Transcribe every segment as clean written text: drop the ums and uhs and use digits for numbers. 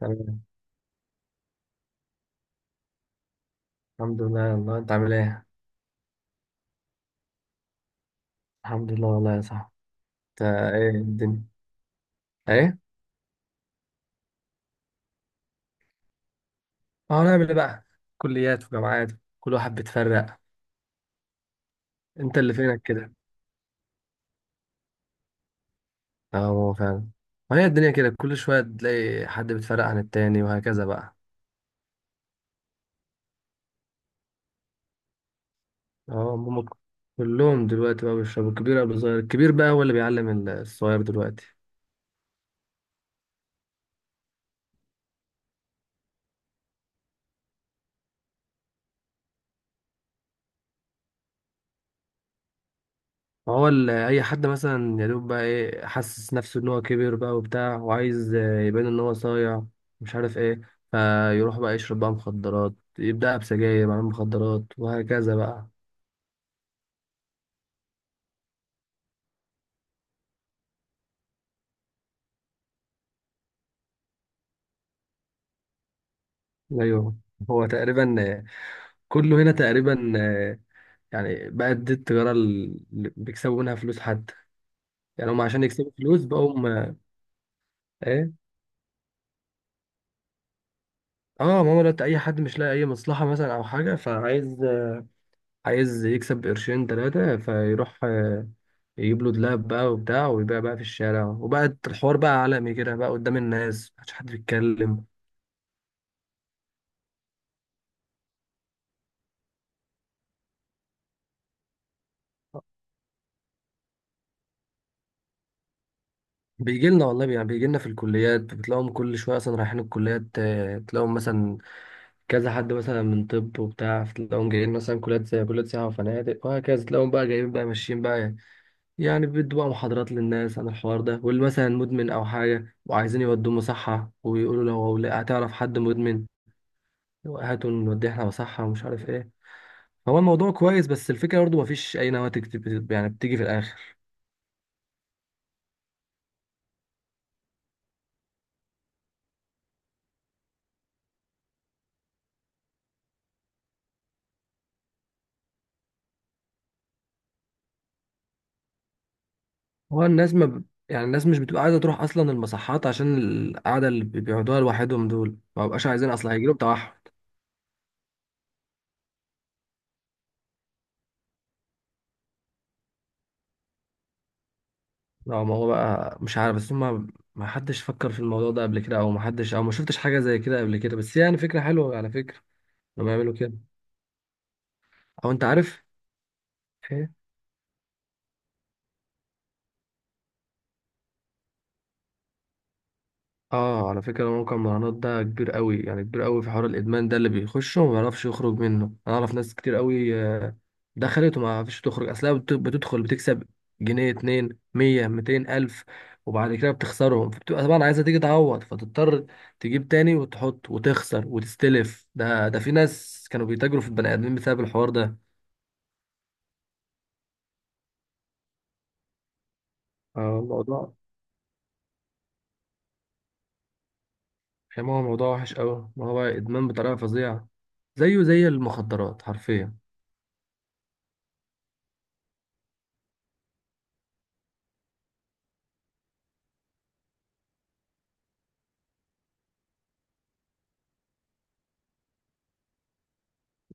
تمام. الحمد لله والله، انت عامل ايه؟ الحمد لله والله يا صاحبي. انت ايه الدنيا؟ ايه؟ اه، نعمل ايه بقى؟ كليات وجامعات، كل واحد بيتفرق. انت اللي فينك كده. اه هو فعلا، ما هي الدنيا كده، كل شوية تلاقي حد بيتفرق عن التاني وهكذا بقى. اه هم، كلهم دلوقتي بقى بيشربوا، الكبير قبل الصغير، الكبير بقى هو اللي بيعلم الصغير دلوقتي. ما هو اي حد مثلا يا دوب بقى ايه، حاسس نفسه ان هو كبر بقى وبتاع وعايز يبان ان هو صايع، مش عارف ايه، فيروح بقى يشرب بقى مخدرات، يبدأ بسجاير بعدين مخدرات وهكذا بقى. ايوه، هو تقريبا كله هنا تقريبا، يعني بقت دي التجارة اللي بيكسبوا منها فلوس حتى، يعني هم عشان يكسبوا فلوس ايه. اه ماما، دلوقتي اي حد مش لاقي اي مصلحة مثلا او حاجة، فعايز عايز يكسب قرشين ثلاثة، فيروح يجيب له دولاب بقى وبتاع، ويبيع بقى في الشارع، وبقى الحوار بقى عالمي كده بقى قدام الناس، محدش حد بيتكلم. بيجي لنا والله، يعني بيجي لنا في الكليات، بتلاقيهم كل شويه اصلا رايحين الكليات، تلاقيهم مثلا كذا حد مثلا من طب وبتاع، تلاقيهم جايين مثلا كليات زي كليات سياحه وفنادق وهكذا، تلاقيهم بقى جايين بقى ماشيين بقى، يعني بيدوا بقى محاضرات للناس عن الحوار ده، واللي مثلا مدمن او حاجه وعايزين يودوه مصحه، ويقولوا لو هتعرف حد مدمن هاتوا نوديه احنا مصحه ومش عارف ايه. هو الموضوع كويس، بس الفكرة برضه مفيش أي نواتج يعني بتيجي في الآخر. هو الناس ما ب... يعني الناس مش بتبقى عايزة تروح أصلا المصحات، عشان القعدة اللي بيقعدوها لوحدهم دول، ما بقاش عايزين أصلا، هيجيلهم توحد. لا ما هو بقى مش عارف، بس هما ما حدش فكر في الموضوع ده قبل كده، أو ما حدش أو ما شفتش حاجة زي كده قبل كده، بس يعني فكرة حلوة على فكرة لما يعملوا كده. أو أنت عارف، اه على فكرة موقع المراهنات ده كبير قوي، يعني كبير قوي في حوار الإدمان ده، اللي بيخشه وما بيعرفش يخرج منه. أنا أعرف ناس كتير قوي دخلت وما عرفتش تخرج، أصلها بتدخل بتكسب جنيه اتنين، مية ميتين ألف، وبعد كده بتخسرهم، فبتبقى طبعا عايزة تيجي تعوض، فتضطر تجيب تاني وتحط وتخسر وتستلف. ده في ناس كانوا بيتاجروا في البني آدمين بسبب الحوار ده. الموضوع يعني، هو موضوع وحش قوي، ما هو إدمان بطريقة فظيعة، زيه زي المخدرات حرفيا.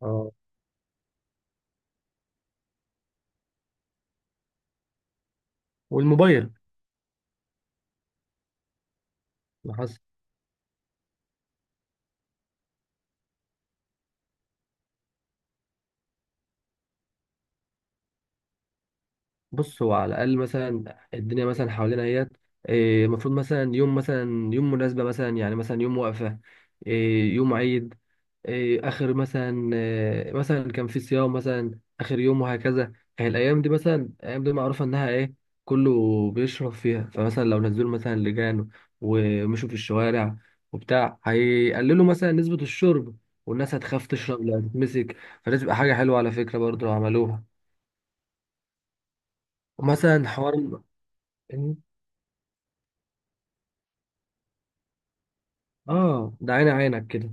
اه والموبايل. اللي حصل، بص هو على الاقل مثلا الدنيا مثلا حوالينا اهيت، المفروض مثلا يوم مثلا يوم مناسبه مثلا، يعني مثلا يوم وقفه، يوم عيد، اخر مثلا مثلا كان في صيام مثلا اخر يوم وهكذا. يعني الايام دي مثلا، الايام دي معروفه انها ايه، كله بيشرب فيها. فمثلا لو نزلوا مثلا لجان ومشوا في الشوارع وبتاع، هيقللوا مثلا نسبه الشرب، والناس هتخاف تشرب لا تتمسك، فدي تبقى حاجه حلوه على فكره برضه لو عملوها. ومثلا حوار إن- اه ده عين عينك كده.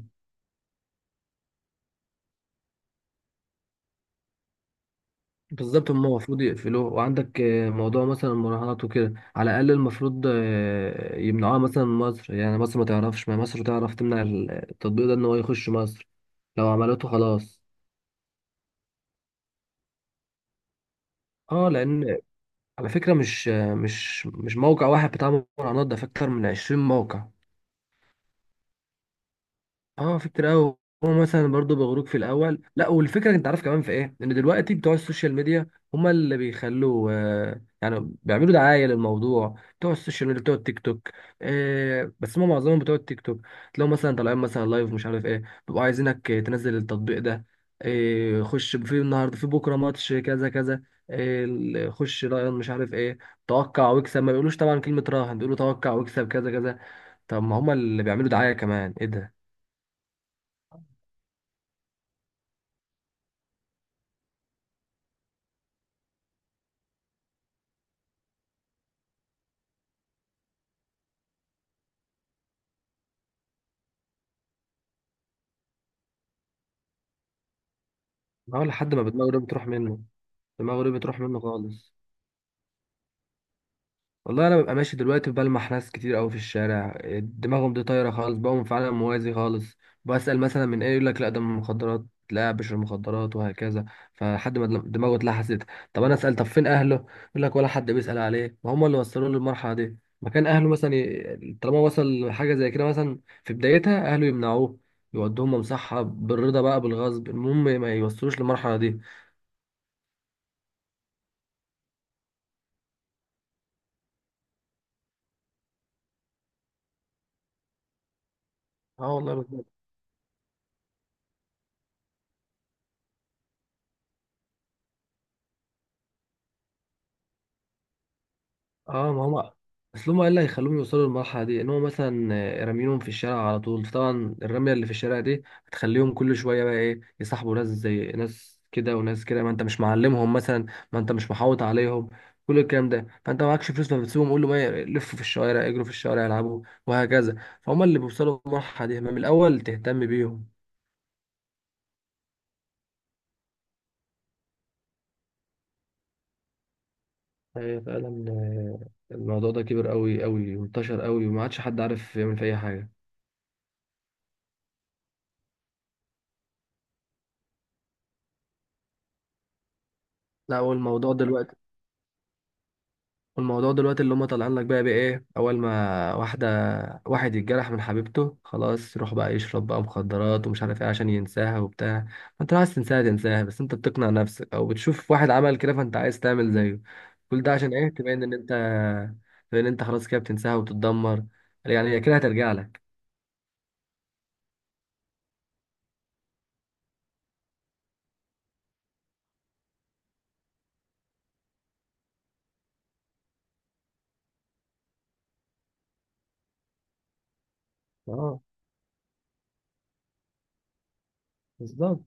بالظبط، هم المفروض يقفلوه. وعندك موضوع مثلا المراهنات وكده، على الاقل المفروض يمنعوها مثلا من مصر، يعني مصر ما تعرفش، ما مصر تعرف تمنع التطبيق ده ان هو يخش مصر، لو عملته خلاص. اه لان على فكره، مش مش موقع واحد بتاع مراهنات ده، في اكتر من 20 موقع. اه في كتير قوي. هو مثلا برضو بيغروك في الاول، لا والفكره انت عارف كمان في ايه، ان دلوقتي بتوع السوشيال ميديا هما اللي بيخلوا آه، يعني بيعملوا دعايه للموضوع، بتوع السوشيال ميديا بتوع التيك توك، آه بس هما معظمهم بتوع التيك توك، تلاقوا مثلا طالعين مثلا لايف مش عارف ايه، بيبقوا عايزينك تنزل التطبيق ده، آه خش في النهارده في بكره ماتش كذا كذا، آه خش راهن مش عارف ايه، توقع واكسب. ما بيقولوش طبعا كلمه راهن، بيقولوا توقع واكسب كذا كذا. طب ما هما اللي بيعملوا دعايه كمان، ايه ده. اه لحد ما دماغه دي بتروح منه، دماغه دي بتروح منه خالص. والله انا ببقى ماشي دلوقتي، بلمح ناس كتير قوي في الشارع دماغهم دي طايره خالص، بقوا فعلا موازي خالص. بسأل مثلا من ايه، يقول لك لا ده من المخدرات، لا بشر المخدرات وهكذا. فلحد ما دماغه اتلحست. طب انا اسال طب فين اهله، يقول لك ولا حد بيسأل عليه، ما هم اللي وصلوه للمرحله دي. مكان اهله مثلا ي... طالما وصل لحاجه زي كده مثلا، في بدايتها اهله يمنعوه، يودوهم مصحه بالرضا بقى بالغصب، المهم ما يوصلوش للمرحله دي. اه والله بس. اه ما هم، اصل هم ايه اللي هيخلوهم يوصلوا للمرحله دي، ان هم مثلا رامينهم في الشارع على طول. طبعا الرميه اللي في الشارع دي بتخليهم كل شويه بقى ايه، يصاحبوا ناس زي ناس كده وناس كده، ما انت مش معلمهم مثلا، ما انت مش محوط عليهم كل الكلام ده، فانت معكش فلوس فبتسيبهم، قول له ما لفوا في الشوارع اجروا في الشوارع العبوا وهكذا، فهم اللي بيوصلوا للمرحله دي، ما من الاول تهتم بيهم. هي فعلا، الموضوع ده كبر قوي قوي وانتشر قوي، وما عادش حد عارف يعمل في اي حاجه. لا والموضوع دلوقتي، والموضوع دلوقتي اللي هم طالعين لك بقى بايه، اول ما واحده واحد يتجرح من حبيبته، خلاص يروح بقى يشرب بقى مخدرات ومش عارف ايه عشان ينساها وبتاع. ما انت لو عايز تنساها تنساها، بس انت بتقنع نفسك او بتشوف واحد عمل كده فانت عايز تعمل زيه. كل ده عشان ايه، تبين ان انت، تبين ان انت خلاص كده بتنساها وبتتدمر، يعني هي كده هترجع لك. اه بالظبط.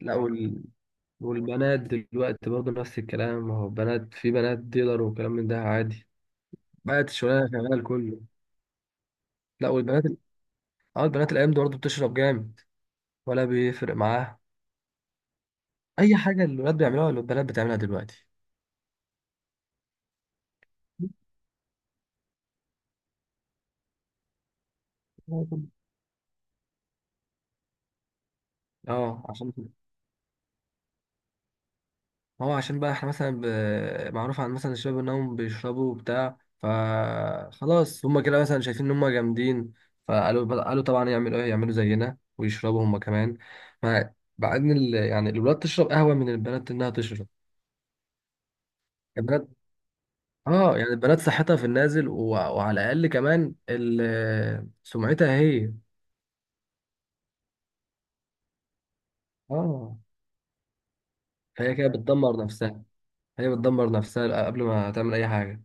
لا وال... والبنات دلوقتي برضه نفس الكلام، ما هو بنات في بنات ديلر وكلام من ده عادي، بقت الشغلانه شغاله الكل. لا والبنات، اه البنات الايام دي برضه بتشرب جامد، ولا بيفرق معاها اي حاجه، الولاد بيعملوها ولا البنات بتعملها دلوقتي. اه عشان كده، هو عشان بقى احنا مثلا ب... معروف عن مثلا الشباب انهم بيشربوا وبتاع، فخلاص هما كده مثلا شايفين ان هما جامدين، فقالوا قالوا طبعا يعملوا ايه، يعملوا زينا ويشربوا هما كمان. مع مع ان ال... يعني الولاد تشرب قهوه، من البنات انها تشرب، البنات اه يعني البنات صحتها في النازل و... وعلى الاقل كمان ال... سمعتها هي. اه فهي كده بتدمر نفسها، هي بتدمر نفسها قبل ما تعمل أي حاجة.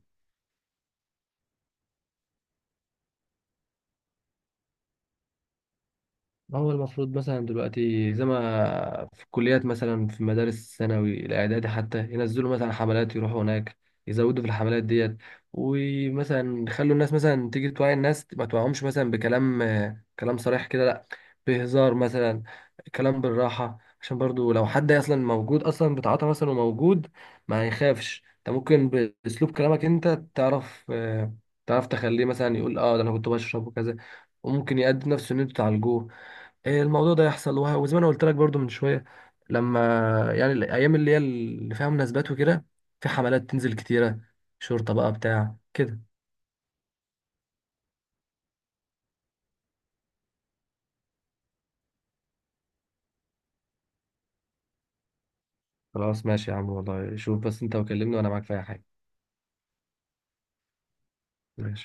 ما هو المفروض مثلا دلوقتي زي ما في الكليات، مثلا في مدارس الثانوي الإعدادي حتى، ينزلوا مثلا حملات يروحوا هناك، يزودوا في الحملات ديت، ومثلا يخلوا الناس مثلا تيجي توعي الناس، ما توعهمش مثلا بكلام كلام صريح كده لا، بهزار مثلا، كلام بالراحة، عشان برضو لو حد أصلا موجود أصلا بتعاطى مثلا وموجود ما يخافش، أنت ممكن بأسلوب كلامك أنت تعرف تعرف تخليه مثلا يقول اه ده أنا كنت بشرب وكذا، وممكن يأدي نفسه إن أنتوا تعالجوه. الموضوع ده يحصل وزي ما انا قلت لك برضو من شويه، لما، يعني الايام اللي هي اللي فيها مناسبات وكده، في حملات تنزل كتيره، شرطه بقى بتاع كده. خلاص ماشي يا عم، والله شوف بس انت وكلمني وانا معاك في اي حاجه. ماشي.